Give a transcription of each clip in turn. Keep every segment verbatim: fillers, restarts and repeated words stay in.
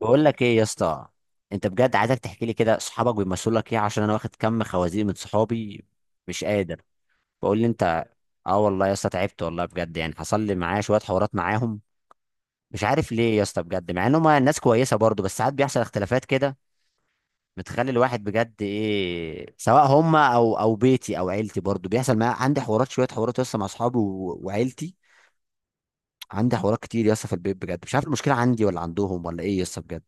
بقول لك ايه يا اسطى؟ انت بجد عايزك تحكي لي كده صحابك بيمثلوا لك ايه، عشان انا واخد كم خوازيق من صحابي. مش قادر. بقول لي انت. اه والله يا اسطى تعبت والله بجد، يعني حصل لي معايا شويه حوارات معاهم. مش عارف ليه يا اسطى بجد، مع انهم ناس كويسه برضو، بس ساعات بيحصل اختلافات كده. بتخلي الواحد بجد ايه، سواء هم او او بيتي او عيلتي، برضو بيحصل معايا عندي حوارات شويه حوارات يا اسطى مع اصحابي و- وعيلتي. عندي حوارات كتير يا اسطى في البيت، بجد مش عارف المشكله عندي ولا عندهم ولا ايه يا اسطى بجد.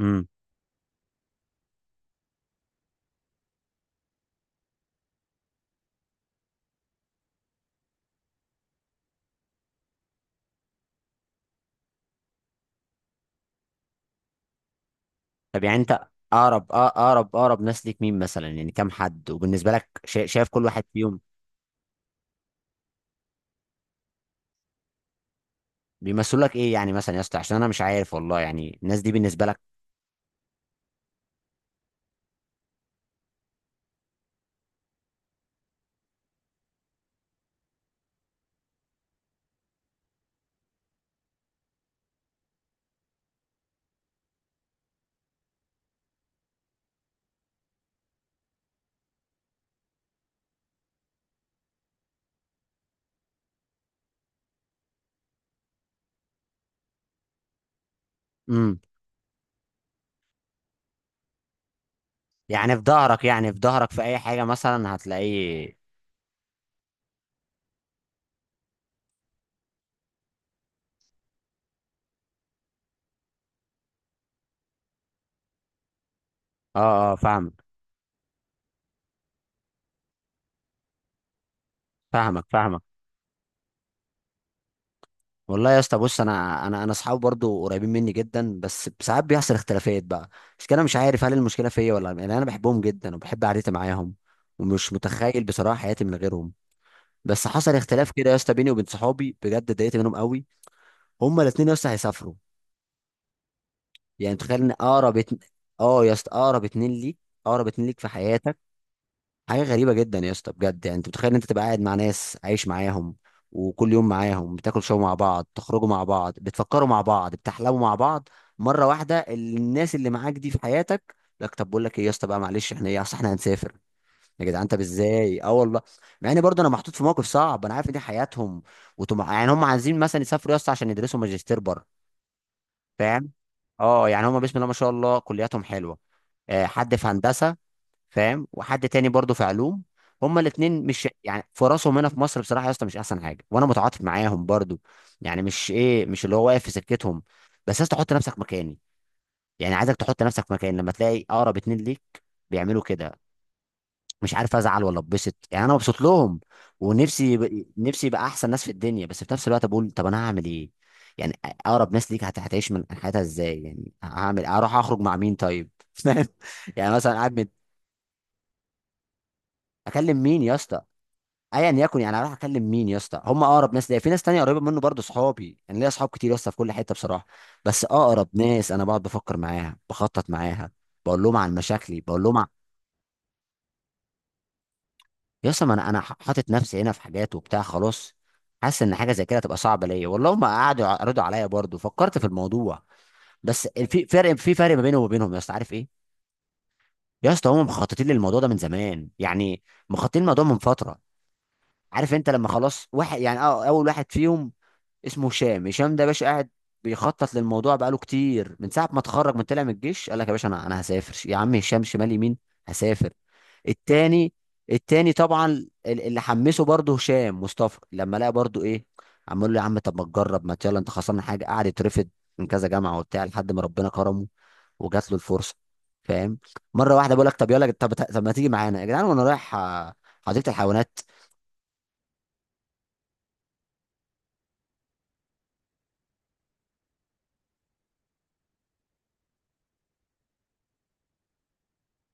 مم. طب يعني انت اقرب، اه اقرب، اقرب ناس ليك مين مثلا؟ يعني كام حد، وبالنسبه لك شا- شايف كل واحد فيهم بيمثل لك ايه، يعني مثلا يا اسطى؟ عشان انا مش عارف والله يعني الناس دي بالنسبه لك. امم. يعني في ظهرك، يعني في ظهرك في اي حاجه مثلا هتلاقيه. اه اه فاهمك، فاهمك، فاهمك. والله يا اسطى بص، انا انا انا اصحابي برضو قريبين مني جدا، بس ساعات بيحصل اختلافات بقى. مش كده؟ أنا مش عارف هل المشكله فيا ولا، يعني انا بحبهم جدا وبحب قعدتي معاهم، ومش متخيل بصراحه حياتي من غيرهم. بس حصل اختلاف كده يا اسطى بيني وبين صحابي، بجد اتضايقت منهم قوي. هما الاثنين يا اسطى هيسافروا. يعني تخيل ان اقرب اتن... اه يا اسطى، اقرب اتنين ليك، اقرب اتنين ليك في حياتك. حاجه غريبه جدا يا اسطى بجد. يعني انت متخيل ان انت تبقى قاعد مع ناس عايش معاهم، وكل يوم معاهم بتاكل شو مع بعض، تخرجوا مع بعض، بتفكروا مع بعض، بتحلموا مع بعض، مره واحده الناس اللي معاك دي في حياتك لك، طب بقول لك ايه يا اسطى بقى، معلش احنا ايه، اصل احنا هنسافر يا جدعان. طب ازاي؟ اه والله. مع ان برضه انا محطوط في موقف صعب، انا عارف ان دي حياتهم وطمع، يعني هم عايزين مثلا يسافروا يا اسطى عشان يدرسوا ماجستير بره. فاهم؟ اه يعني هم بسم الله ما شاء الله كلياتهم حلوه، آه، حد في هندسه. فاهم؟ وحد تاني برضه في علوم. هما الاثنين مش يعني فرصهم هنا في مصر بصراحه يا اسطى مش احسن حاجه، وانا متعاطف معاهم برضه. يعني مش ايه، مش اللي هو واقف في سكتهم. بس يا اسطى حط نفسك مكاني، يعني عايزك تحط نفسك مكاني لما تلاقي اقرب اتنين ليك بيعملوا كده. مش عارف ازعل ولا اتبسط، يعني انا مبسوط لهم ونفسي يبقى- نفسي يبقى احسن ناس في الدنيا، بس في نفس الوقت بقول طب انا هعمل ايه؟ يعني اقرب ناس ليك هت- هتعيش من حياتها ازاي؟ يعني هعمل اروح اخرج مع مين طيب؟ فاهم؟ يعني مثلا قاعد مت... اكلم مين يا اسطى؟ ايا يكن، يعني اروح اكلم مين يا اسطى؟ هم اقرب ناس ليا. في ناس تانية قريبه منه برضه صحابي، يعني ليا اصحاب كتير يا اسطى في كل حته بصراحه. بس اقرب ناس انا بقعد بفكر معاها، بخطط معاها، بقول لهم عن مشاكلي، بقول لهم. يا اسطى ما انا انا حاطط نفسي هنا في حاجات وبتاع خلاص. حاسس ان حاجه زي كده هتبقى صعبه ليا والله. ما قعدوا يعرضوا عليا برضه، فكرت في الموضوع. بس في فرق، في فرق ما بيني وما بينهم يا اسطى، عارف ايه؟ يا اسطى هم مخططين للموضوع ده من زمان يعني، مخططين الموضوع من فتره. عارف انت لما خلاص؟ واحد يعني اه اول واحد فيهم اسمه هشام. هشام ده يا باشا قاعد بيخطط للموضوع بقاله كتير، من ساعه ما اتخرج، من طلع من الجيش، قال لك يا باشا انا انا هسافر. يا عم هشام، شمال يمين هسافر. التاني، التاني طبعا، ال- اللي حمسه برضه هشام مصطفى لما لقى برضه ايه، عمال له يا عم طب ما تجرب، ما يلا انت خسران حاجه؟ قعد يترفض من كذا جامعه وبتاع لحد ما ربنا كرمه وجات له الفرصه. فاهم؟ مره واحده بقول لك طب يلا، طب طب ما تيجي معانا يا جدعان، وانا رايح آه، حديقه الحيوانات.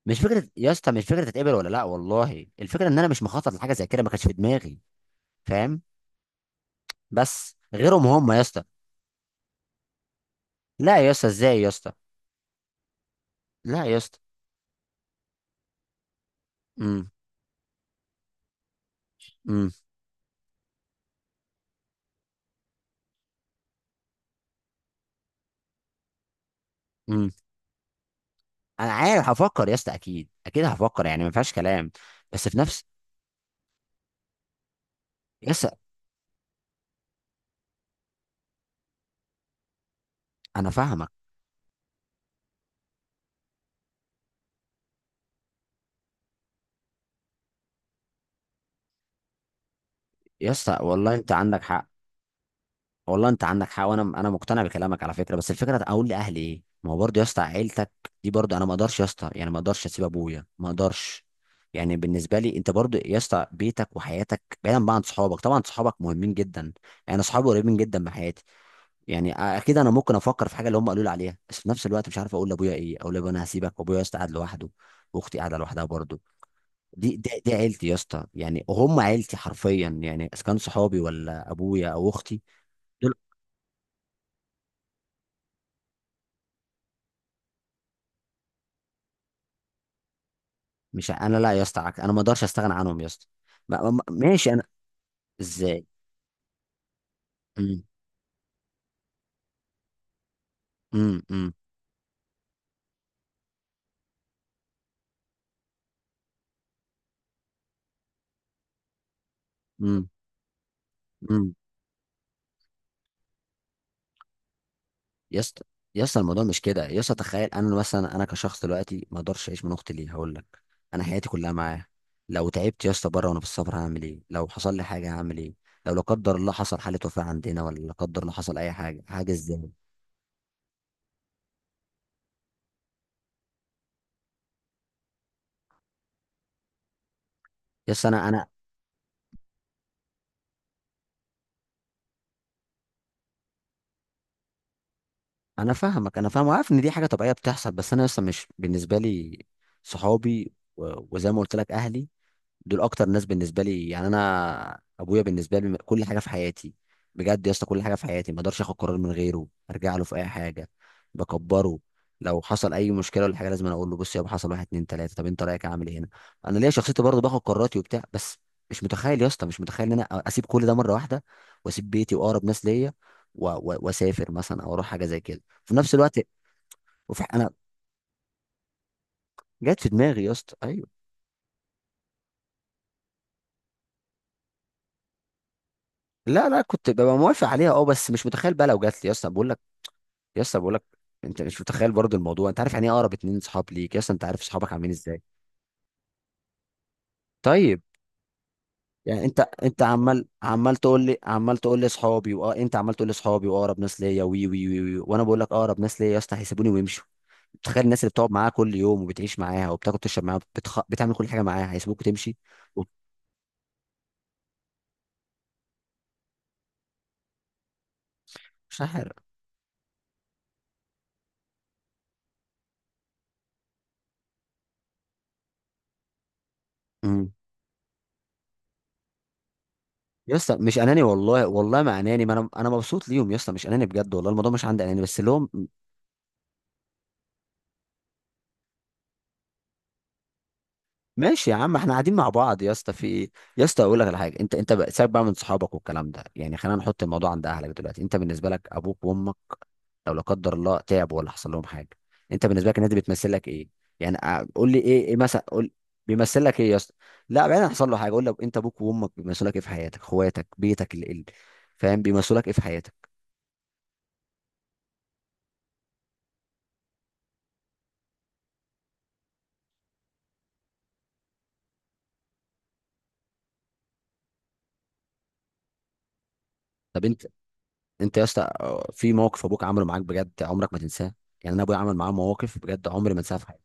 مش فكره يا اسطى، مش فكره تتقبل ولا لا والله. الفكره ان انا مش مخطط لحاجه زي كده، ما كانش في دماغي. فاهم؟ بس غيرهم هم يا اسطى. لا يا اسطى، ازاي يا اسطى؟ لا يا اسطى. امم. امم. امم. انا عارف هفكر يا اسطى، اكيد اكيد هفكر يعني ما فيهاش كلام. بس في نفس. يا اسطى. انا فاهمك يا اسطى. والله انت عندك حق. والله انت عندك حق وانا انا مقتنع بكلامك على فكره، بس الفكره اقول لاهلي ايه؟ ما هو برضه يا اسطى عيلتك دي برضه، انا ما اقدرش يا اسطى، يعني ما اقدرش اسيب ابويا، ما اقدرش. يعني بالنسبه لي، انت برضه يا اسطى بيتك وحياتك، بعيدا بقى عن صحابك طبعا. صحابك مهمين جدا، يعني اصحابي قريبين جدا من حياتي. يعني اكيد انا ممكن افكر في حاجه اللي هم قالوا لي عليها، بس في نفس الوقت مش عارف اقول لابويا ايه. اقول لابويا انا هسيبك، وابويا يا اسطى قاعد لوحده، واختي قاعده لوحدها برضه. دي، دي, دي عيلتي يا اسطى، يعني هم عيلتي حرفيا. يعني اذا كان صحابي ولا ابويا او اختي دول. مش ع- انا لا يا اسطى، عك- انا ما اقدرش استغنى عنهم يا اسطى. ما- ما- ما- ماشي انا. ازاي؟ امم. امم. امم. إمم. إمم. يا اسطى، يا اسطى الموضوع مش كده يا اسطى. تخيل انا مثلا انا كشخص دلوقتي ما اقدرش اعيش من اختي. ليه؟ هقول لك. انا حياتي كلها معاه. لو تعبت يا اسطى بره وانا في السفر هعمل ايه؟ لو حصل لي حاجه هعمل ايه؟ لو لا قدر الله حصل حاله وفاه عندنا، ولا لا قدر الله حصل اي حاجه، حاجه ازاي؟ يا اسطى انا انا انا فاهمك. انا فاهم وعارف ان دي حاجه طبيعيه بتحصل، بس انا يا اسطى مش بالنسبه لي. صحابي و- وزي ما قلت لك اهلي دول اكتر ناس بالنسبه لي. يعني انا ابويا بالنسبه لي كل حاجه في حياتي، بجد يا اسطى كل حاجه في حياتي. ما اقدرش اخد قرار من غيره، ارجع له في اي حاجه بكبره. لو حصل اي مشكله ولا حاجه لازم أنا اقول له، بص يابا حصل واحد اتنين تلاته، طب انت رايك اعمل ايه هنا؟ انا ليا شخصيتي برضه باخد قراراتي وبتاع، بس مش متخيل يا اسطى، مش متخيل ان انا اسيب كل ده مره واحده، واسيب بيتي واقرب ناس ليا، و- و- واسافر مثلا او اروح حاجه زي كده في نفس الوقت. وفي انا. جت في دماغي يا اسطى ايوه. لا لا كنت ببقى موافق عليها اه، بس مش متخيل بقى لو جات لي. يا اسطى بقول لك، يا اسطى بقول لك، انت مش متخيل برضو الموضوع، انت عارف يعني ايه اقرب اتنين صحاب ليك يا اسطى؟ انت عارف صحابك عاملين ازاي. طيب. يعني انت انت عمال عمال تقول لي، عمال تقول لي اصحابي، واه انت عمال تقول لي اصحابي واقرب ناس ليا، وي وي وي, وي. وانا بقول لك اقرب ناس ليا يا اسطى هيسيبوني ويمشوا. تخيل الناس اللي بتقعد معاها كل يوم وبتعيش معاها وبتاكل تشرب معاها، بتخ... بتعمل كل حاجه معاها، هيسيبوك وتمشي. مش عارف. امم. يا اسطى مش اناني والله، والله ما اناني، ما انا انا مبسوط ليهم يا اسطى. مش اناني بجد والله، الموضوع مش عندي اناني، بس اللي هو. ماشي يا عم احنا قاعدين مع بعض يا اسطى في ايه؟ يا اسطى اقول لك على حاجه. انت انت بقى- سيبك بقى من صحابك والكلام ده، يعني خلينا نحط الموضوع عند اهلك دلوقتي. انت بالنسبه لك ابوك وامك، لو لا قدر الله تعبوا ولا حصل لهم حاجه، انت بالنسبه لك الناس دي بتمثل لك ايه؟ يعني اه، قول لي ايه، ايه مثلا؟ قول بيمثل لك ايه يا اسطى؟ لا بعدين حصل له حاجه، قول لي انت ابوك وامك بيمثلوا لك ايه في حياتك؟ اخواتك، بيتك، اللي اللي- فاهم؟ بيمثلوا لك ايه في حياتك؟ طب انت، انت يا اسطى اه، في موقف ابوك عمله معاك بجد عمرك ما تنساه؟ يعني انا ابويا عمل معاه مواقف بجد عمري ما انساها في حياتي.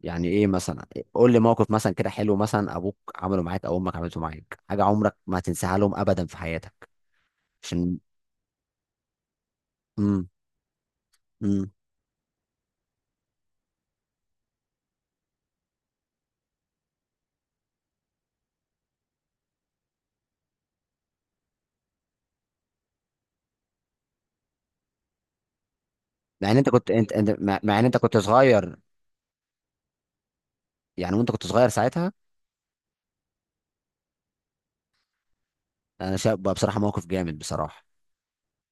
يعني ايه مثلا؟ قول لي موقف مثلا كده حلو، مثلا ابوك عمله معاك او امك عملته معاك، حاجه عمرك ما هتنساها لهم ابدا في حياتك؟ عشان. امم. امم. مع ان انت كنت، انت انت مع مع ان انت كنت صغير، يعني وانت كنت صغير ساعتها. انا شايف بقى بصراحه موقف جامد بصراحه.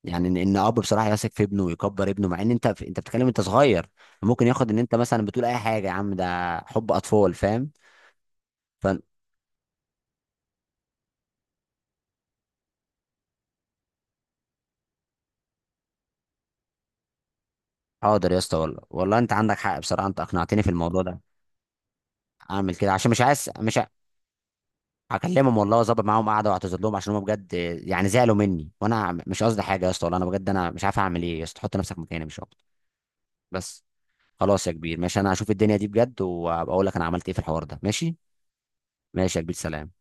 يعني ان ان اب بصراحه يثق في ابنه ويكبر ابنه، مع ان انت في... انت بتتكلم انت صغير، ممكن ياخد ان انت مثلا بتقول اي حاجه، يا عم ده حب اطفال، فاهم؟ ف. حاضر يا اسطى والله، والله انت عندك حق بصراحه، انت اقنعتني في الموضوع ده. اعمل كده عشان مش عايز مش. هكلمهم والله، واظبط معاهم قعده واعتذر لهم، عشان هم بجد يعني زعلوا مني وانا مش قصدي حاجه. يا اسطى والله انا بجد انا مش عارف اعمل ايه يا اسطى، حط نفسك مكاني مش اكتر. بس. خلاص يا كبير، ماشي انا هشوف الدنيا دي بجد، وابقى اقول لك انا عملت ايه في الحوار ده. ماشي. ماشي يا كبير، سلام.